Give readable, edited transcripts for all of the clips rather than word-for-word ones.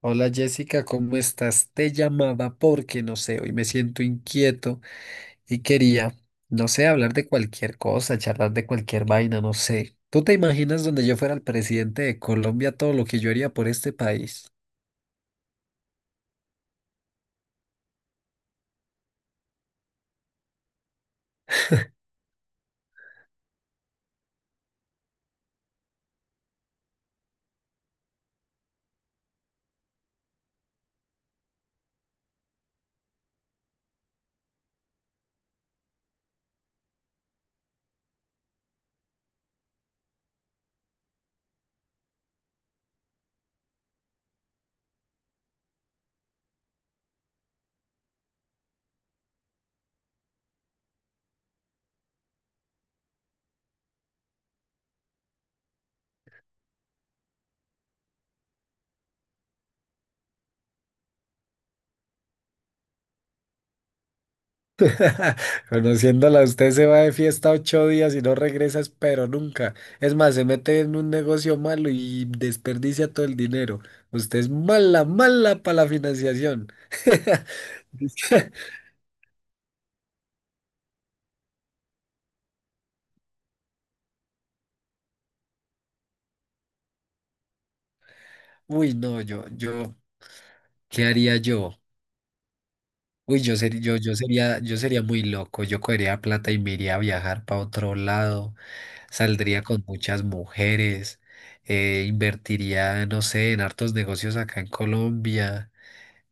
Hola Jessica, ¿cómo estás? Te llamaba porque no sé, hoy me siento inquieto y quería, no sé, hablar de cualquier cosa, charlar de cualquier vaina, no sé. ¿Tú te imaginas donde yo fuera el presidente de Colombia todo lo que yo haría por este país? Conociéndola, usted se va de fiesta 8 días y no regresa, pero nunca. Es más, se mete en un negocio malo y desperdicia todo el dinero. Usted es mala, mala para la financiación. Uy, no, ¿qué haría yo? Uy, yo sería muy loco. Yo cogería plata y me iría a viajar para otro lado. Saldría con muchas mujeres. Invertiría, no sé, en hartos negocios acá en Colombia.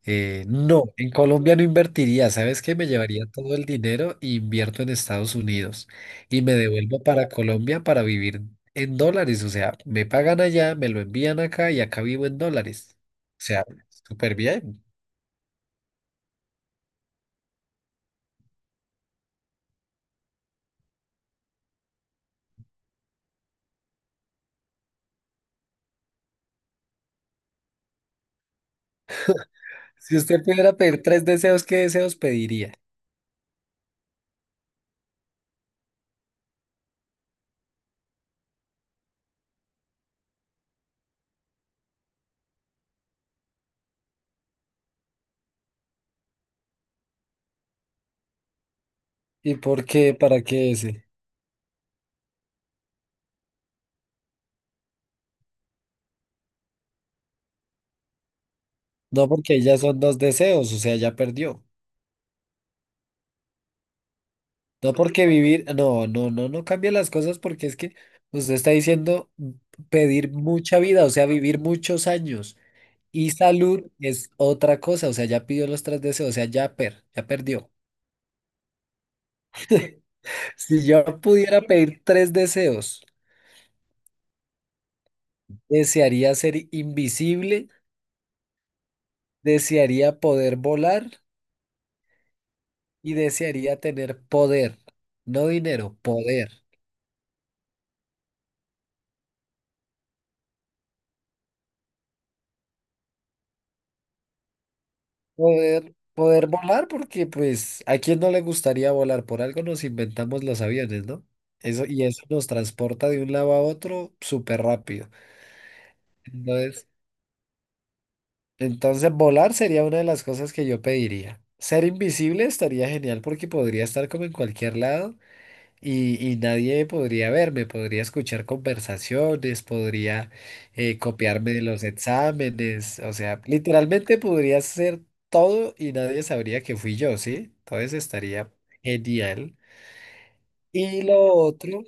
No, en Colombia no invertiría. ¿Sabes qué? Me llevaría todo el dinero e invierto en Estados Unidos. Y me devuelvo para Colombia para vivir en dólares. O sea, me pagan allá, me lo envían acá y acá vivo en dólares. O sea, súper bien. Si usted pudiera pedir tres deseos, ¿qué deseos pediría? ¿Y por qué? ¿Para qué ese? No porque ahí ya son dos deseos, o sea, ya perdió. No porque vivir, no cambia las cosas porque es que usted está diciendo pedir mucha vida, o sea, vivir muchos años. Y salud es otra cosa, o sea, ya pidió los tres deseos, o sea, ya perdió. Si yo pudiera pedir tres deseos, desearía ser invisible, desearía poder volar y desearía tener poder, no dinero, poder. Poder volar, porque pues a quién no le gustaría volar, por algo nos inventamos los aviones, ¿no? Eso, y eso nos transporta de un lado a otro súper rápido. Entonces, entonces volar sería una de las cosas que yo pediría. Ser invisible estaría genial porque podría estar como en cualquier lado. Y nadie podría verme, podría escuchar conversaciones, podría copiarme de los exámenes, o sea, literalmente podría hacer todo y nadie sabría que fui yo, ¿sí? Entonces estaría genial. Y lo otro,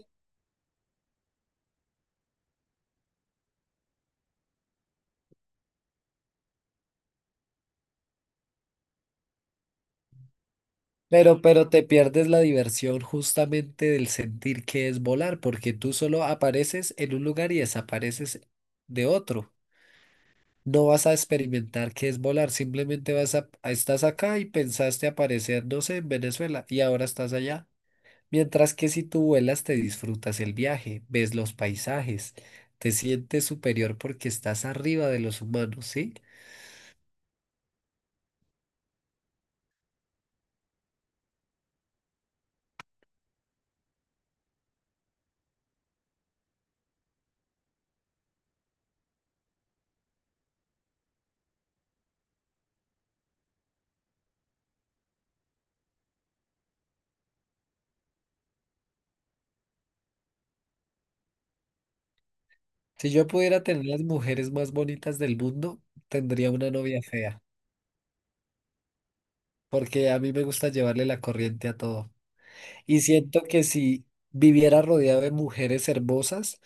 pero te pierdes la diversión justamente del sentir que es volar, porque tú solo apareces en un lugar y desapareces de otro. No vas a experimentar qué es volar, simplemente estás acá y pensaste aparecer, no sé, en Venezuela y ahora estás allá. Mientras que si tú vuelas, te disfrutas el viaje, ves los paisajes, te sientes superior porque estás arriba de los humanos, ¿sí? Si yo pudiera tener las mujeres más bonitas del mundo, tendría una novia fea, porque a mí me gusta llevarle la corriente a todo. Y siento que si viviera rodeado de mujeres hermosas,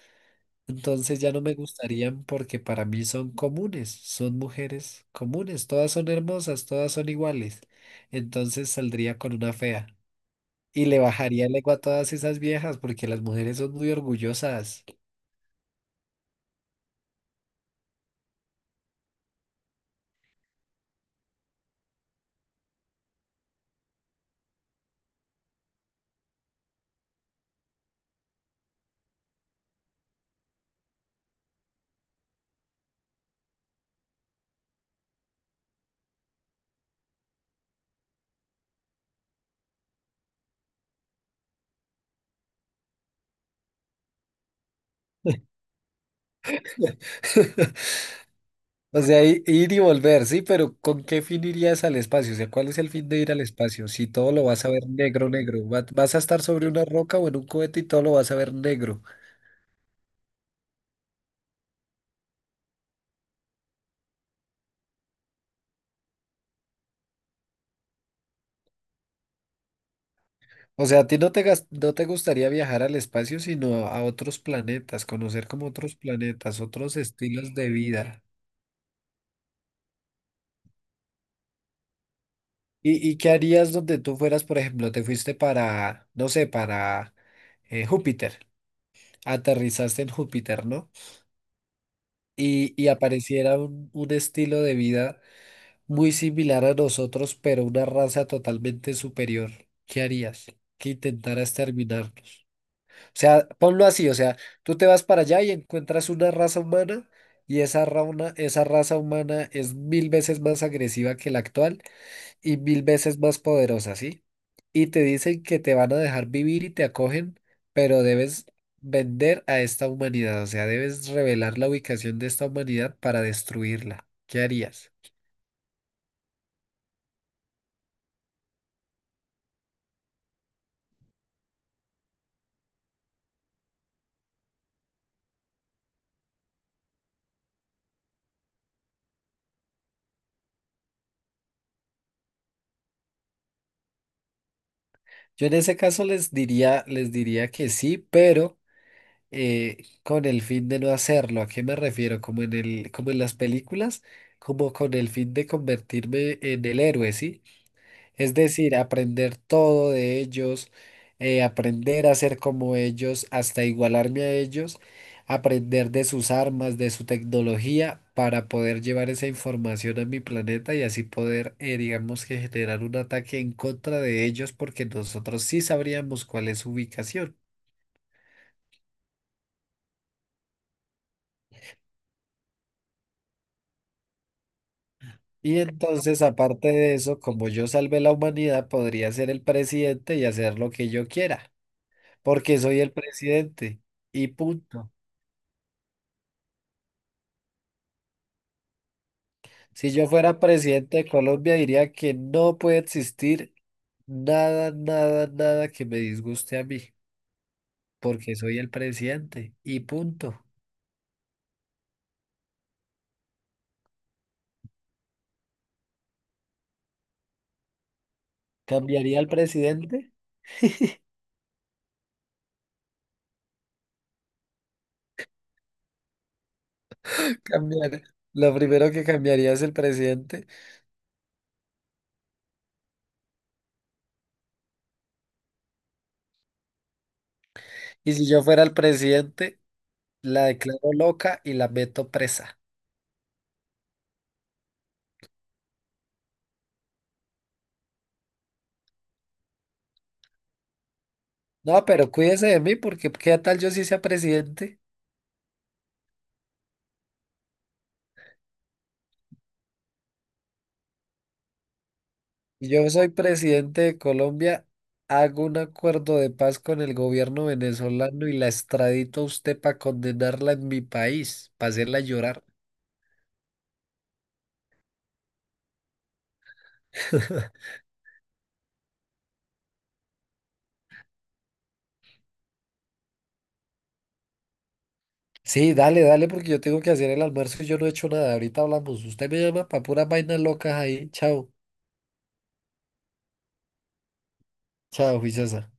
entonces ya no me gustarían porque para mí son comunes, son mujeres comunes, todas son hermosas, todas son iguales. Entonces saldría con una fea y le bajaría el ego a todas esas viejas porque las mujeres son muy orgullosas. O sea, ir y volver, sí, pero ¿con qué fin irías al espacio? O sea, ¿cuál es el fin de ir al espacio? Si todo lo vas a ver negro, negro, vas a estar sobre una roca o en un cohete y todo lo vas a ver negro. O sea, a ti no te gustaría viajar al espacio, sino a otros planetas, conocer como otros planetas, otros estilos de vida. ¿Y qué harías donde tú fueras, por ejemplo, te fuiste para, no sé, para Júpiter, aterrizaste en Júpiter, ¿no? Y apareciera un estilo de vida muy similar a nosotros, pero una raza totalmente superior. ¿Qué harías? ¿Qué intentaras terminar? O sea, ponlo así, o sea, tú te vas para allá y encuentras una raza humana y esa raza humana es mil veces más agresiva que la actual y mil veces más poderosa, ¿sí? Y te dicen que te van a dejar vivir y te acogen, pero debes vender a esta humanidad, o sea, debes revelar la ubicación de esta humanidad para destruirla. ¿Qué harías? Yo en ese caso les diría que sí, pero con el fin de no hacerlo. ¿A qué me refiero? Como en las películas, como con el fin de convertirme en el héroe, ¿sí? Es decir, aprender todo de ellos, aprender a ser como ellos, hasta igualarme a ellos, aprender de sus armas, de su tecnología, para poder llevar esa información a mi planeta y así poder, digamos que generar un ataque en contra de ellos, porque nosotros sí sabríamos cuál es su ubicación. Y entonces, aparte de eso, como yo salvé la humanidad, podría ser el presidente y hacer lo que yo quiera, porque soy el presidente. Y punto. Si yo fuera presidente de Colombia, diría que no puede existir nada, nada, nada que me disguste a mí, porque soy el presidente. Y punto. ¿Cambiaría al presidente? Cambiar. Lo primero que cambiaría es el presidente. Y si yo fuera el presidente, la declaro loca y la meto presa. No, pero cuídese de mí porque qué tal yo sí sea presidente y yo soy presidente de Colombia, hago un acuerdo de paz con el gobierno venezolano y la extradito a usted para condenarla en mi país, para hacerla llorar. Sí, dale, dale porque yo tengo que hacer el almuerzo y yo no he hecho nada. Ahorita hablamos. Usted me llama para puras vainas locas ahí. Chao, chao, juiciosa.